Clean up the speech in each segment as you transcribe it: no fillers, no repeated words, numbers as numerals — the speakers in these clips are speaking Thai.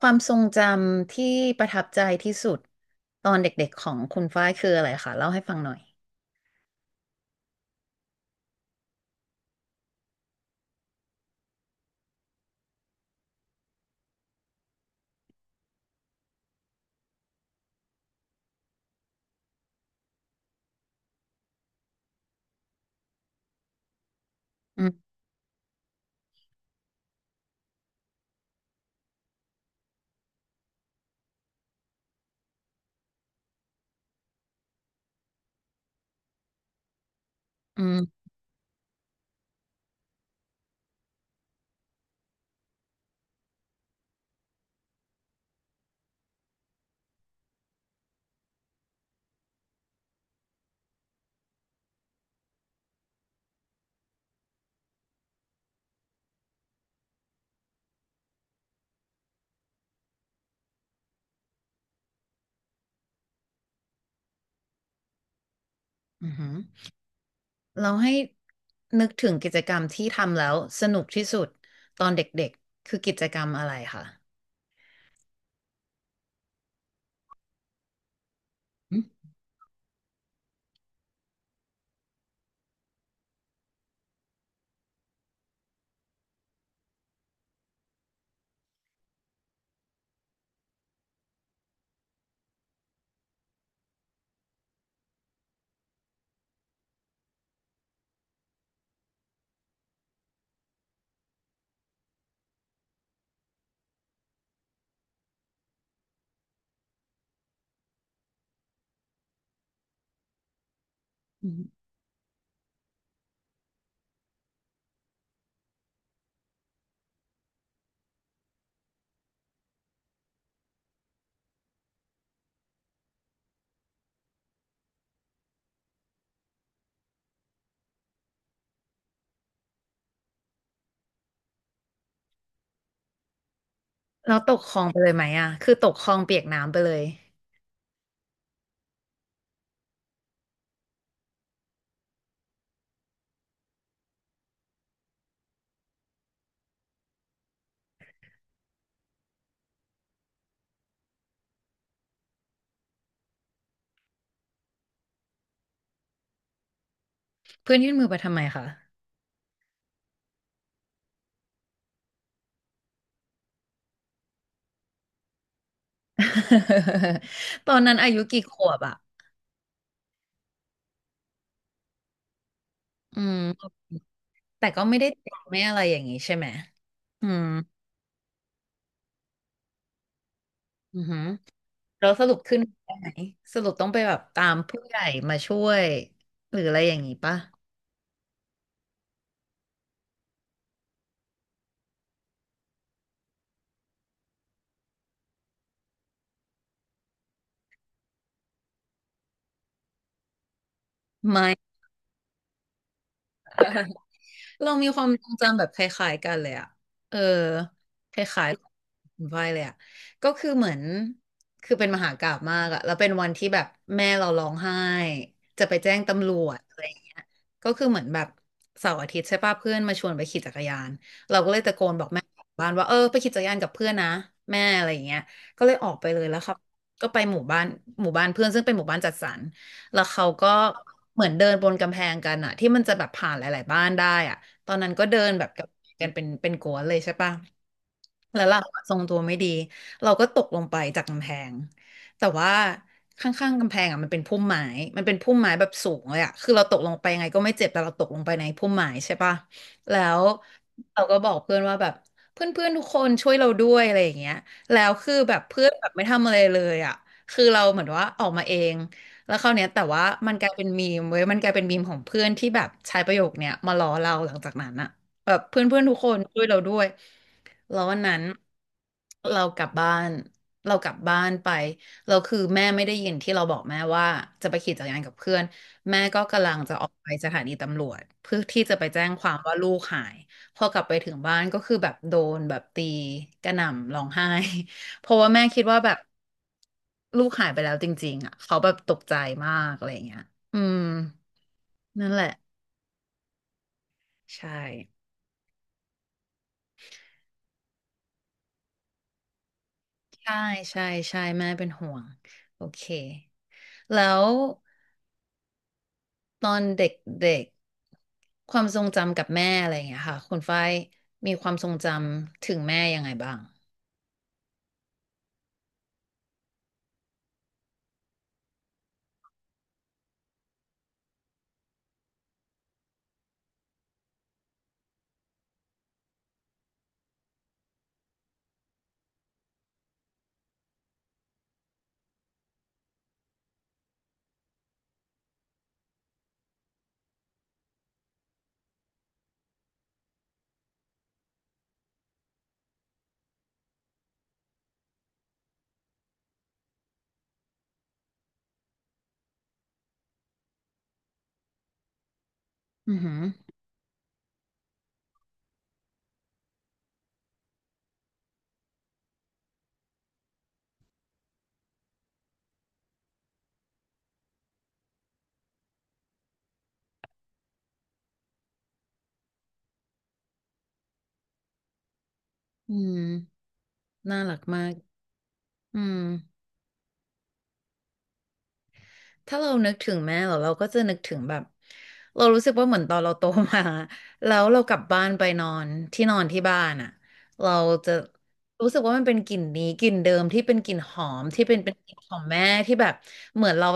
ความทรงจำที่ประทับใจที่สุดตอนเด็กๆของคุณฝ้ายคืออะไรคะเล่าให้ฟังหน่อยอืมอืมอือหือเราให้นึกถึงกิจกรรมที่ทำแล้วสนุกที่สุดตอนเด็กๆคือกิจกรรมอะไรคะอืมอืมเราตกคลองไปเลยไหมอะคือตกคลองเปียกน้ำไปเลยเพื่อนยื่นมือไปทำไมคะ ตอนนั้นอายุกี่ขวบอะอืมแต่ก็ไม่ได้เจ็บไม่อะไรอย่างนี้ใช่ไหมอืมอือหือ เราสรุปขึ้นไปไหนสรุปต้องไปแบบตามผู้ใหญ่มาช่วยหรืออะไรอย่างนี้ปะไม่ เรามีความทรงจำแบบคล้ายๆกันเลยอะเออคล้ายๆคุณฝ้ายเลยอะก็คือเหมือนคือเป็นมหากาพย์มากอะแล้วเป็นวันที่แบบแม่เราร้องไห้จะไปแจ้งตำรวจอะไรอย่างเงี้ยก็คือเหมือนแบบเสาร์อาทิตย์ใช่ป่ะเพื่อนมาชวนไปขี่จักรยานเราก็เลยตะโกนบอกแม่บ้านว่าเออไปขี่จักรยานกับเพื่อนนะแม่อะไรอย่างเงี้ยก็เลยออกไปเลยแล้วครับก็ไปหมู่บ้านหมู่บ้านเพื่อนซึ่งเป็นหมู่บ้านจัดสรรแล้วเขาก็เหมือนเดินบนกำแพงกันอะที่มันจะแบบผ่านหลายๆบ้านได้อะ ตอนนั้นก็เดินแบบกับกันเป็นกัวนเลยใช่ปะ แล้วเราอะทรงตัวไม่ดีเราก็ตกลงไปจากกำแพงแต่ว่าข้างๆกำแพงอ่ะมันเป็นพุ่มไม้มันเป็นพุ่มไม้แบบสูงเลยอ่ะคือเราตกลงไปยังไงก็ไม่เจ็บ แต่เราตกลงไปในพุ่มไม้ใช่ปะ แล้วเราก็บอกเพื่อนว่าแบบเพื่อนๆทุกคนช่วยเราด้วยอะไรอย่างเงี้ยแล้วคือแบบเพื่อนแบบไม่ทำอะไรเลยอ่ะคือเราเหมือนว่าออกมาเอง แล้วคราวเนี้ยแต่ว่ามันกลายเป็นมีมเว้ยมันกลายเป็นมีมของเพื่อนที่แบบใช้ประโยคเนี้ยมาล้อเราหลังจากนั้นอะแบบเพื่อนเพื่อนทุกคนช่วยเราด้วยแล้ววันนั้นเรากลับบ้านเรากลับบ้านไปเราคือแม่ไม่ได้ยินที่เราบอกแม่ว่าจะไปขี่จักรยานกับเพื่อนแม่ก็กำลังจะออกไปสถานีตำรวจเพื่อที่จะไปแจ้งความว่าลูกหายพอกลับไปถึงบ้านก็คือแบบโดนแบบตีกระหน่ำร้องไห้ เพราะว่าแม่คิดว่าแบบลูกหายไปแล้วจริงๆอ่ะเขาแบบตกใจมากอะไรอย่างเงี้ยอืมนั่นแหละใช่ใช่ใช่ใช่แม่เป็นห่วงโอเคแล้วตอนเด็กๆความทรงจำกับแม่อะไรอย่างเงี้ยค่ะคุณฝ้ายมีความทรงจำถึงแม่ยังไงบ้างอือหืออืมน่ารักมากอืม ถ้าเรานึกถึงแม่เราเราก็จะนึกถึงแบบเรารู้สึกว่าเหมือนตอนเราโตมา แล้วเรากลับบ้านไปนอนที่นอนที่บ้านอ่ะเราจะรู้สึกว่ามันเป็นกลิ่นนี้กลิ่นเดิมที่เป็นกลิ่นหอมที่เป็นกลิ่นของแม่ที่แบบเหมือนเรา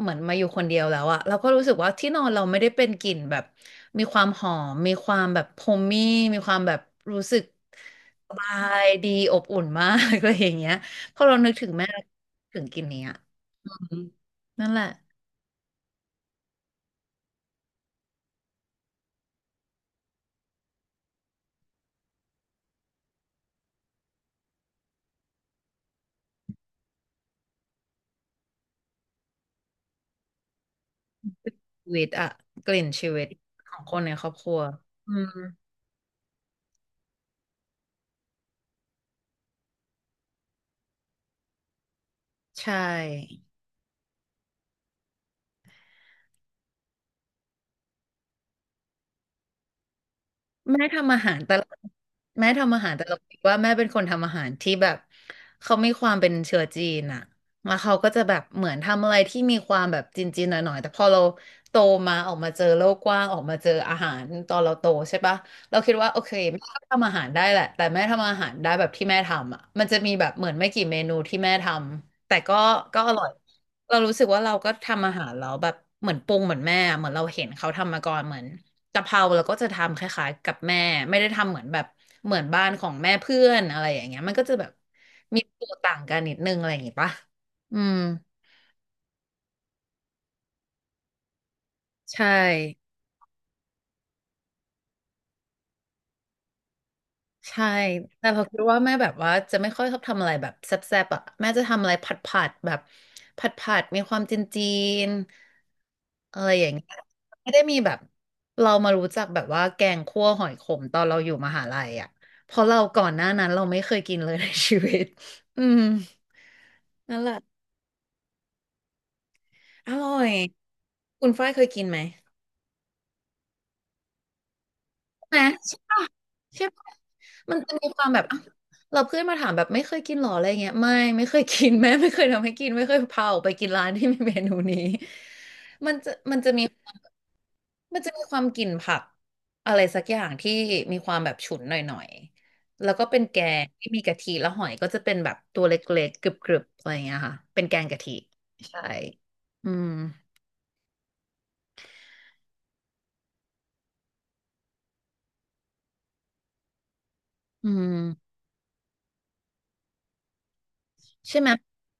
เหมือนมาอยู่คนเดียวแล้วอะเราก็รู้สึกว่าที่นอนเราไม่ได้เป็นกลิ่นแบบมีความหอมมีความแบบโฮมมี่มีความแบบรู้สึกสบายดีอบอุ่นมาก อะไรอย่างเงี้ยพอเรานึกถึงแม่ถึงกลิ่นเนี้ยอืมนั่นแหละ ชีวิตอะกลิ่นชีวิตของคนในครอบครัวอืมใช่ แม่ทำอาหารแต่ละแม่ทำอาหารแต่เราคิดว่าแม่เป็นคนทำอาหารที่แบบเขามีความเป็นเชื้อจีนอะแล้วเขาก็จะแบบเหมือนทำอะไรที่มีความแบบจีนๆหน่อยๆแต่พอเราโตมาออกมาเจอโลกกว้างออกมาเจออาหารตอนเราโตใช่ปะเราคิดว่าโอเคแม่ก็ทำอาหารได้แหละแต่แม่ทำอาหารได้แบบที่แม่ทำอะมันจะมีแบบเหมือนไม่กี่เมนูที่แม่ทำแต่ก็ก็อร่อยเรารู้สึกว่าเราก็ทำอาหารแล้วแบบเหมือนปรุงเหมือนแม่อะเหมือนเราเห็นเขาทำมาก่อนเหมือน กะเพราเราก็จะทำคล้ายๆกับแม่ไม่ได้ทำเหมือนแบบเหมือนบ้านของแม่เพื่อนอะไรอย่างเงี้ยมันก็จะแบบมีตัวต่างกันนิดนึงอะไรอย่างงี้ปะอืมใช่ใช่แต่พอคิดว่าแม่แบบว่าจะไม่ค่อยชอบทำอะไรแบบแซ่บๆอ่ะแม่จะทำอะไรผัดแบบผัดมีความจีนจีนอะไรอย่างเงี้ยไม่ได้มีแบบเรามารู้จักแบบว่าแกงคั่วหอยขมตอนเราอยู่มหาลัยอ่ะเพราะเราก่อนหน้านั้นเราไม่เคยกินเลยในชีวิตอืมนั่นแหละ อร่อยคุณฝ้ายเคยกินไหมนะใช่ปะมันจะมีความแบบอ้าวเราเพื่อนมาถามแบบไม่เคยกินหรออะไรเงี้ยไม่ไม่เคยกิน แม่ไม่เคยทำให้กินไม่เคยพาออกไปกินร้านที่มีเมนูนี้ มันจะมีความมันจะมีความกลิ่นผักอะไรสักอย่างที่มีความแบบฉุนหน่อยๆแล้วก็เป็นแกงที่มีกะทิแล้วหอยก็จะเป็นแบบตัวเล็กๆกรึบๆอะไรเงี้ยค่ะเป็นแกงกะทิใช่อืมอืม ใช่ไหม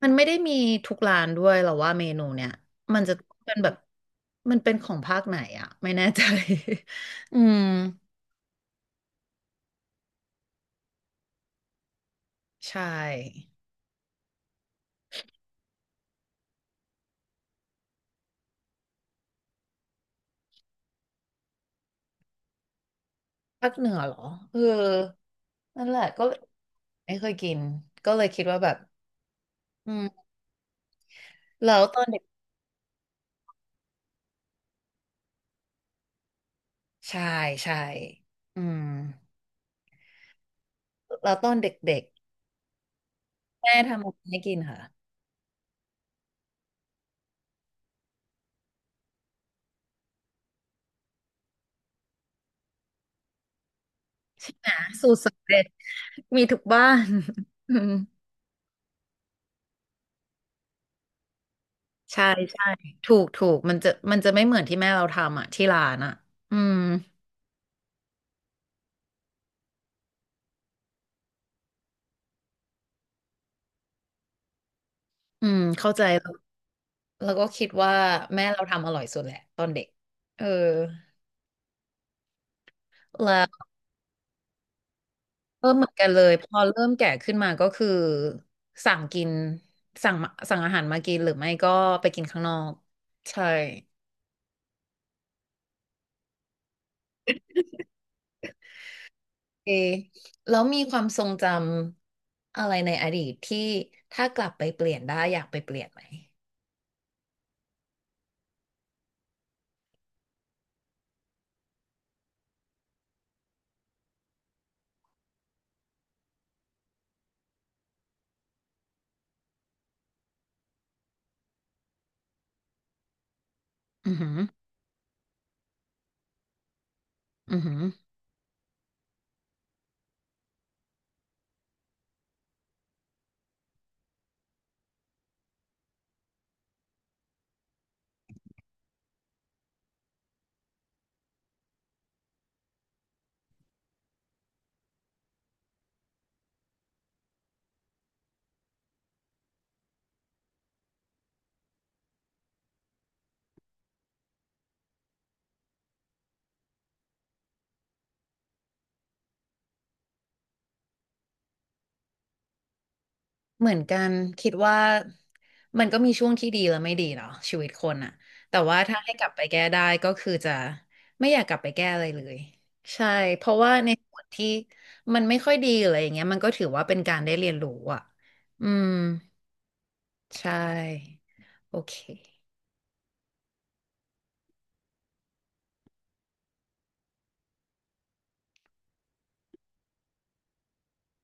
มันไม่ได้มีทุกร้านด้วยหรอว่าเมนูเนี่ยมันจะต้องเป็นแบบมันเป็นของภาคไหนอะไม่แน่ใจ อืมใช่ภาคเหนือเหรอเออนั่นแหละก็ไม่เคยกินก็เลยคิดว่าแบบอืมแล้วตอนเด็กใช่ใช่อืมแล้วตอนเด็กๆแม่ทำอะไรให้กินค่ะ่ะสูตรสำเร็จมีทุกบ้าน อืม ใช่ใช่ถูกถูกมันจะไม่เหมือนที่แม่เราทำอ่ะที่ร้านอ่ะอืมอืมเข้าใจแล้วแล้วก็คิดว่าแม่เราทำอร่อยสุดแหละตอนเด็กเออแล้วเออเหมือนกันเลยพอเริ่มแก่ขึ้นมาก็คือสั่งกินสั่งมาสั่งอาหารมากินหรือไม่ก็ไปกินข้างนอกใช่เอแล้วมีความทรงจำอะไรในอดีตที่ถ้ากลับไปเปลี่ยนได้อยากไปเปลี่ยนไหมอือหืออือหือ เหมือนกันคิดว่ามันก็มีช่วงที่ดีและไม่ดีเนาะชีวิตคนอะแต่ว่าถ้าให้กลับไปแก้ได้ก็คือจะไม่อยากกลับไปแก้อะไรเลยใช่เพราะว่าในส่วนที่มันไม่ค่อยดีออะไรอย่างเงี้ยมันก็ถือว่าเป็นการได้เรียนรู้อะอืมใช่โอเค